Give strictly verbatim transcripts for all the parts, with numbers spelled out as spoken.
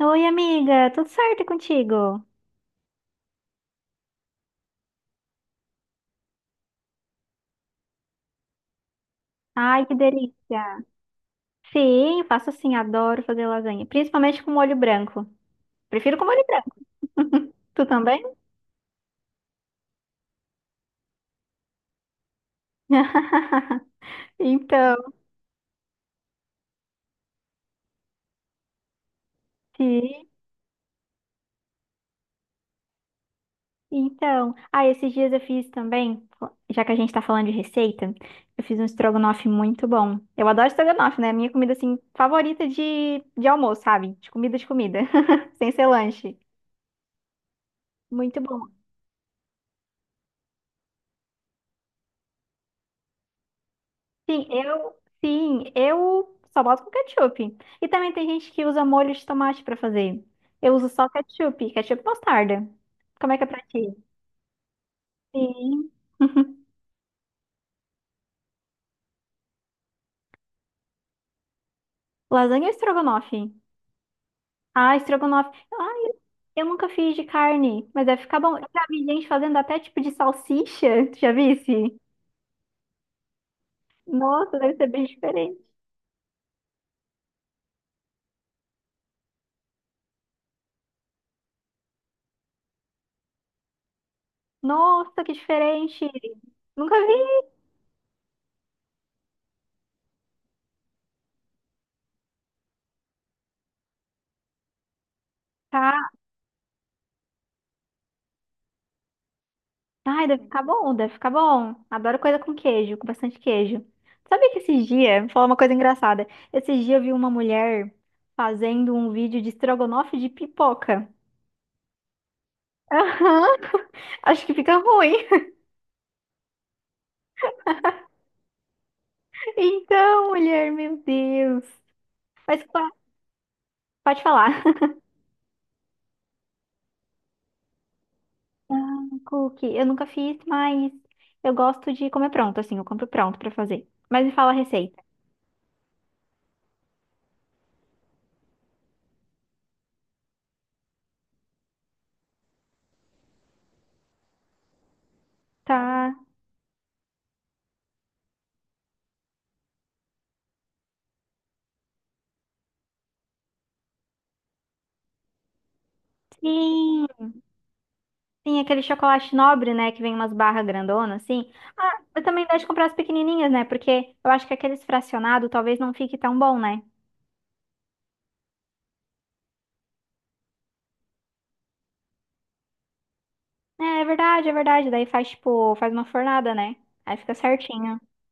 Oi, amiga, tudo certo e contigo? Ai, que delícia. Sim, faço sim, adoro fazer lasanha, principalmente com molho branco. Prefiro com molho branco. Tu também? Então, sim. Então, ah, esses dias eu fiz também, já que a gente tá falando de receita, eu fiz um estrogonofe muito bom. Eu adoro estrogonofe, né? Minha comida assim favorita de de almoço, sabe? De comida de comida, sem ser lanche. Muito bom. Sim, eu, sim, eu só boto com ketchup. E também tem gente que usa molho de tomate pra fazer. Eu uso só ketchup, ketchup e mostarda. Como é que é pra ti? Sim. Lasanha ou estrogonofe? Ah, estrogonofe. Ah, eu eu nunca fiz de carne, mas deve ficar bom. Eu já vi gente fazendo até tipo de salsicha, tu já visse? Nossa, deve ser bem diferente. Nossa, que diferente. Nunca vi. Tá. Ai, deve ficar bom, deve ficar bom. Adoro coisa com queijo, com bastante queijo. Sabe que esses dias, vou falar uma coisa engraçada. Esses dias eu vi uma mulher fazendo um vídeo de estrogonofe de pipoca. Aham, acho que fica ruim. Então, mulher, meu Deus. Mas pa- pode falar. Ah, cookie, eu nunca fiz, mas eu gosto de comer pronto, assim, eu compro pronto pra fazer. Mas me fala a receita. Tá. Sim, sim, aquele chocolate nobre, né, que vem umas barras grandonas, assim. Eu também gosto de comprar as pequenininhas, né? Porque eu acho que aqueles fracionados talvez não fique tão bom, né? É, é verdade, é verdade. Daí faz, tipo, faz uma fornada, né? Aí fica certinho.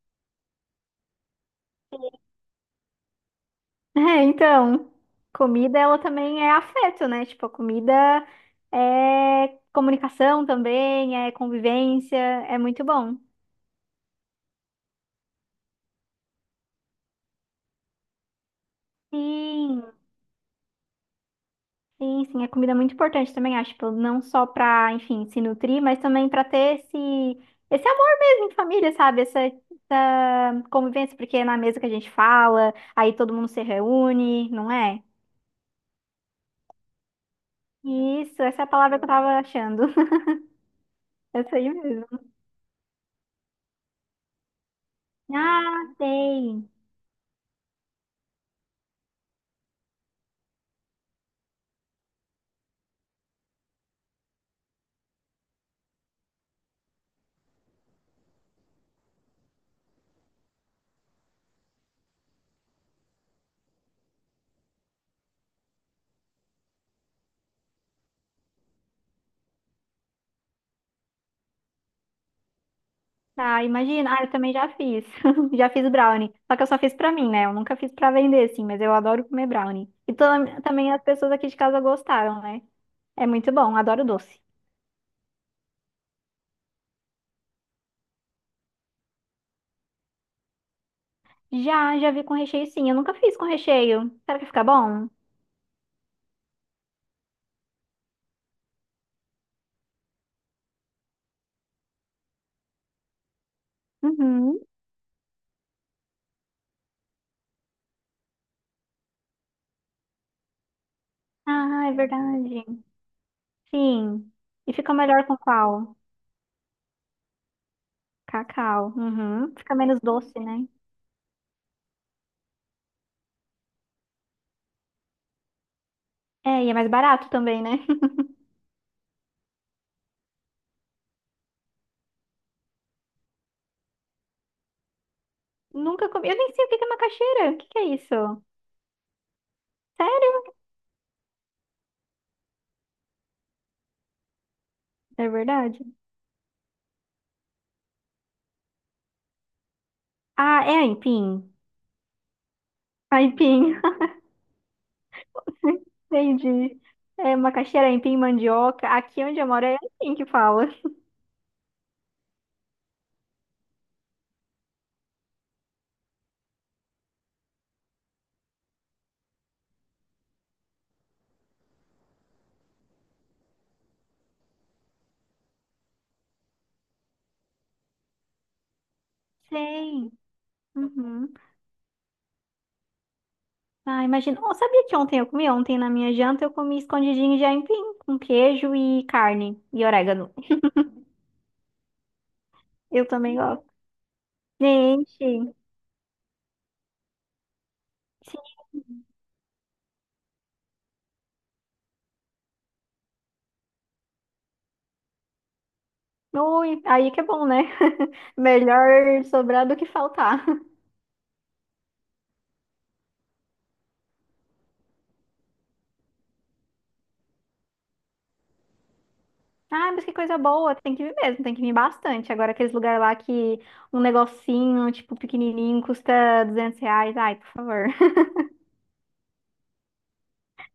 É, então, comida, ela também é afeto, né? Tipo, a comida é comunicação também, é convivência, é muito bom. Sim, sim, sim, a comida é muito importante também, acho, tipo, não só para, enfim, se nutrir, mas também para ter esse, esse amor mesmo em família, sabe? Essa, essa convivência, porque é na mesa que a gente fala, aí todo mundo se reúne, não é? Isso, essa é a palavra que eu tava achando. Essa aí mesmo. Ah, sei. Ah, imagina. Ah, eu também já fiz. Já fiz brownie. Só que eu só fiz pra mim, né? Eu nunca fiz pra vender, assim, mas eu adoro comer brownie. E to- também as pessoas aqui de casa gostaram, né? É muito bom, adoro doce. Já, já vi com recheio sim. Eu nunca fiz com recheio. Será que fica bom? Uhum. Ah, é verdade. Sim. E fica melhor com qual? Cacau. Uhum. Fica menos doce, né? É, e é mais barato também, né? Nunca comi. Eu nem sei o que que é macaxeira. O que que é isso? Sério? É verdade. Ah, é aipim. Aipim. Entendi. É macaxeira, aipim, mandioca. Aqui onde eu moro é aipim que fala. Sei. Uhum. Ah, imagina. Oh, sabia que ontem eu comi? Ontem na minha janta eu comi escondidinho de aipim com queijo e carne e orégano. Eu também gosto. Gente, sim. Ui, aí que é bom, né? Melhor sobrar do que faltar. Ah, mas que coisa boa. Tem que vir mesmo, tem que vir bastante. Agora aqueles lugares lá que um negocinho, tipo, pequenininho, custa duzentos reais. Ai, por favor.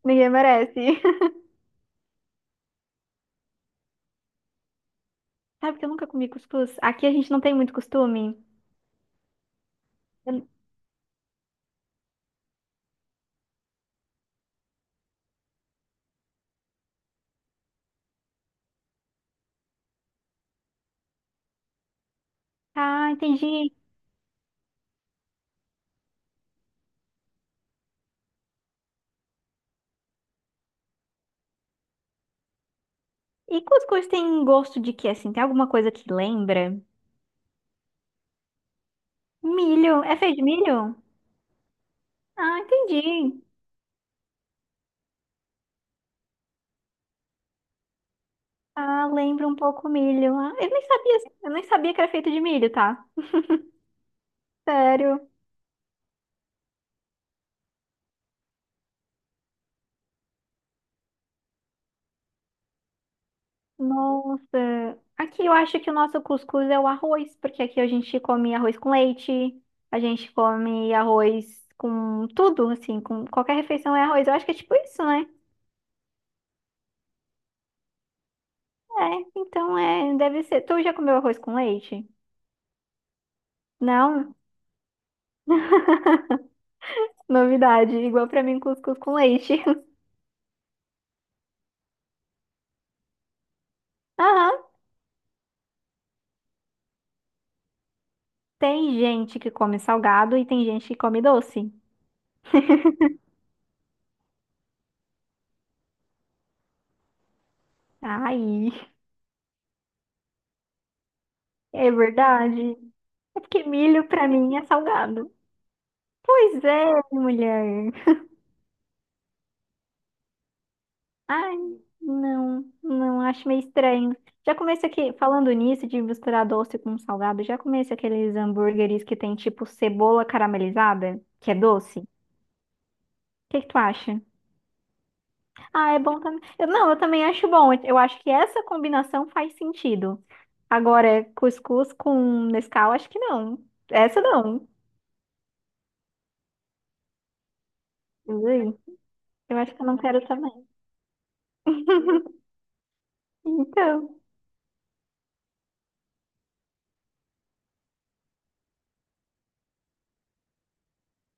Ninguém merece. Sabe que eu nunca comi cuscuz? Aqui a gente não tem muito costume. Eu- Ah, entendi. E cuscuz tem gosto de quê, assim? Tem alguma coisa que lembra? Milho. É feito de milho? Ah, entendi. Ah, lembra um pouco o milho. Ah, eu nem sabia, eu nem sabia que era feito de milho, tá? Sério. Nossa. Aqui eu acho que o nosso cuscuz é o arroz, porque aqui a gente come arroz com leite, a gente come arroz com tudo, assim, com qualquer refeição é arroz. Eu acho que é tipo isso, né? É, então é, deve ser. Tu já comeu arroz com leite? Não? Novidade, igual pra mim, cuscuz com leite. Aham, tem gente que come salgado e tem gente que come doce. Ai, é verdade. É porque milho pra mim é salgado. Pois é, mulher. Ai, não, não, acho meio estranho. Já comecei aqui, falando nisso de misturar doce com salgado, já comecei aqueles hambúrgueres que tem tipo cebola caramelizada, que é doce. O que que tu acha? Ah, é bom também. Eu- não, eu também acho bom. Eu acho que essa combinação faz sentido. Agora, cuscuz com Nescau, acho que não. Essa não. Ui, eu acho que eu não quero também. Então,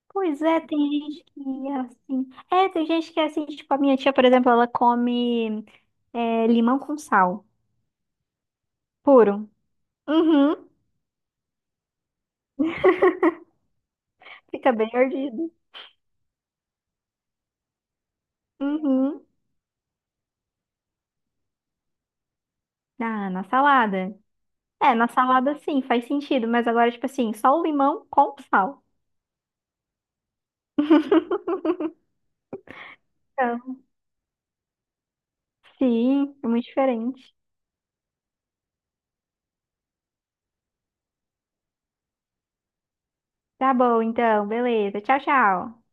pois é, tem gente que é assim. É, tem gente que é assim, tipo, a minha tia, por exemplo, ela come é, limão com sal, puro. Uhum. Fica bem ardido. Uhum. Ah, na salada. É, na salada sim, faz sentido, mas agora, tipo assim, só o limão com sal. Então, sim, é muito diferente. Tá bom, então, beleza. Tchau, tchau.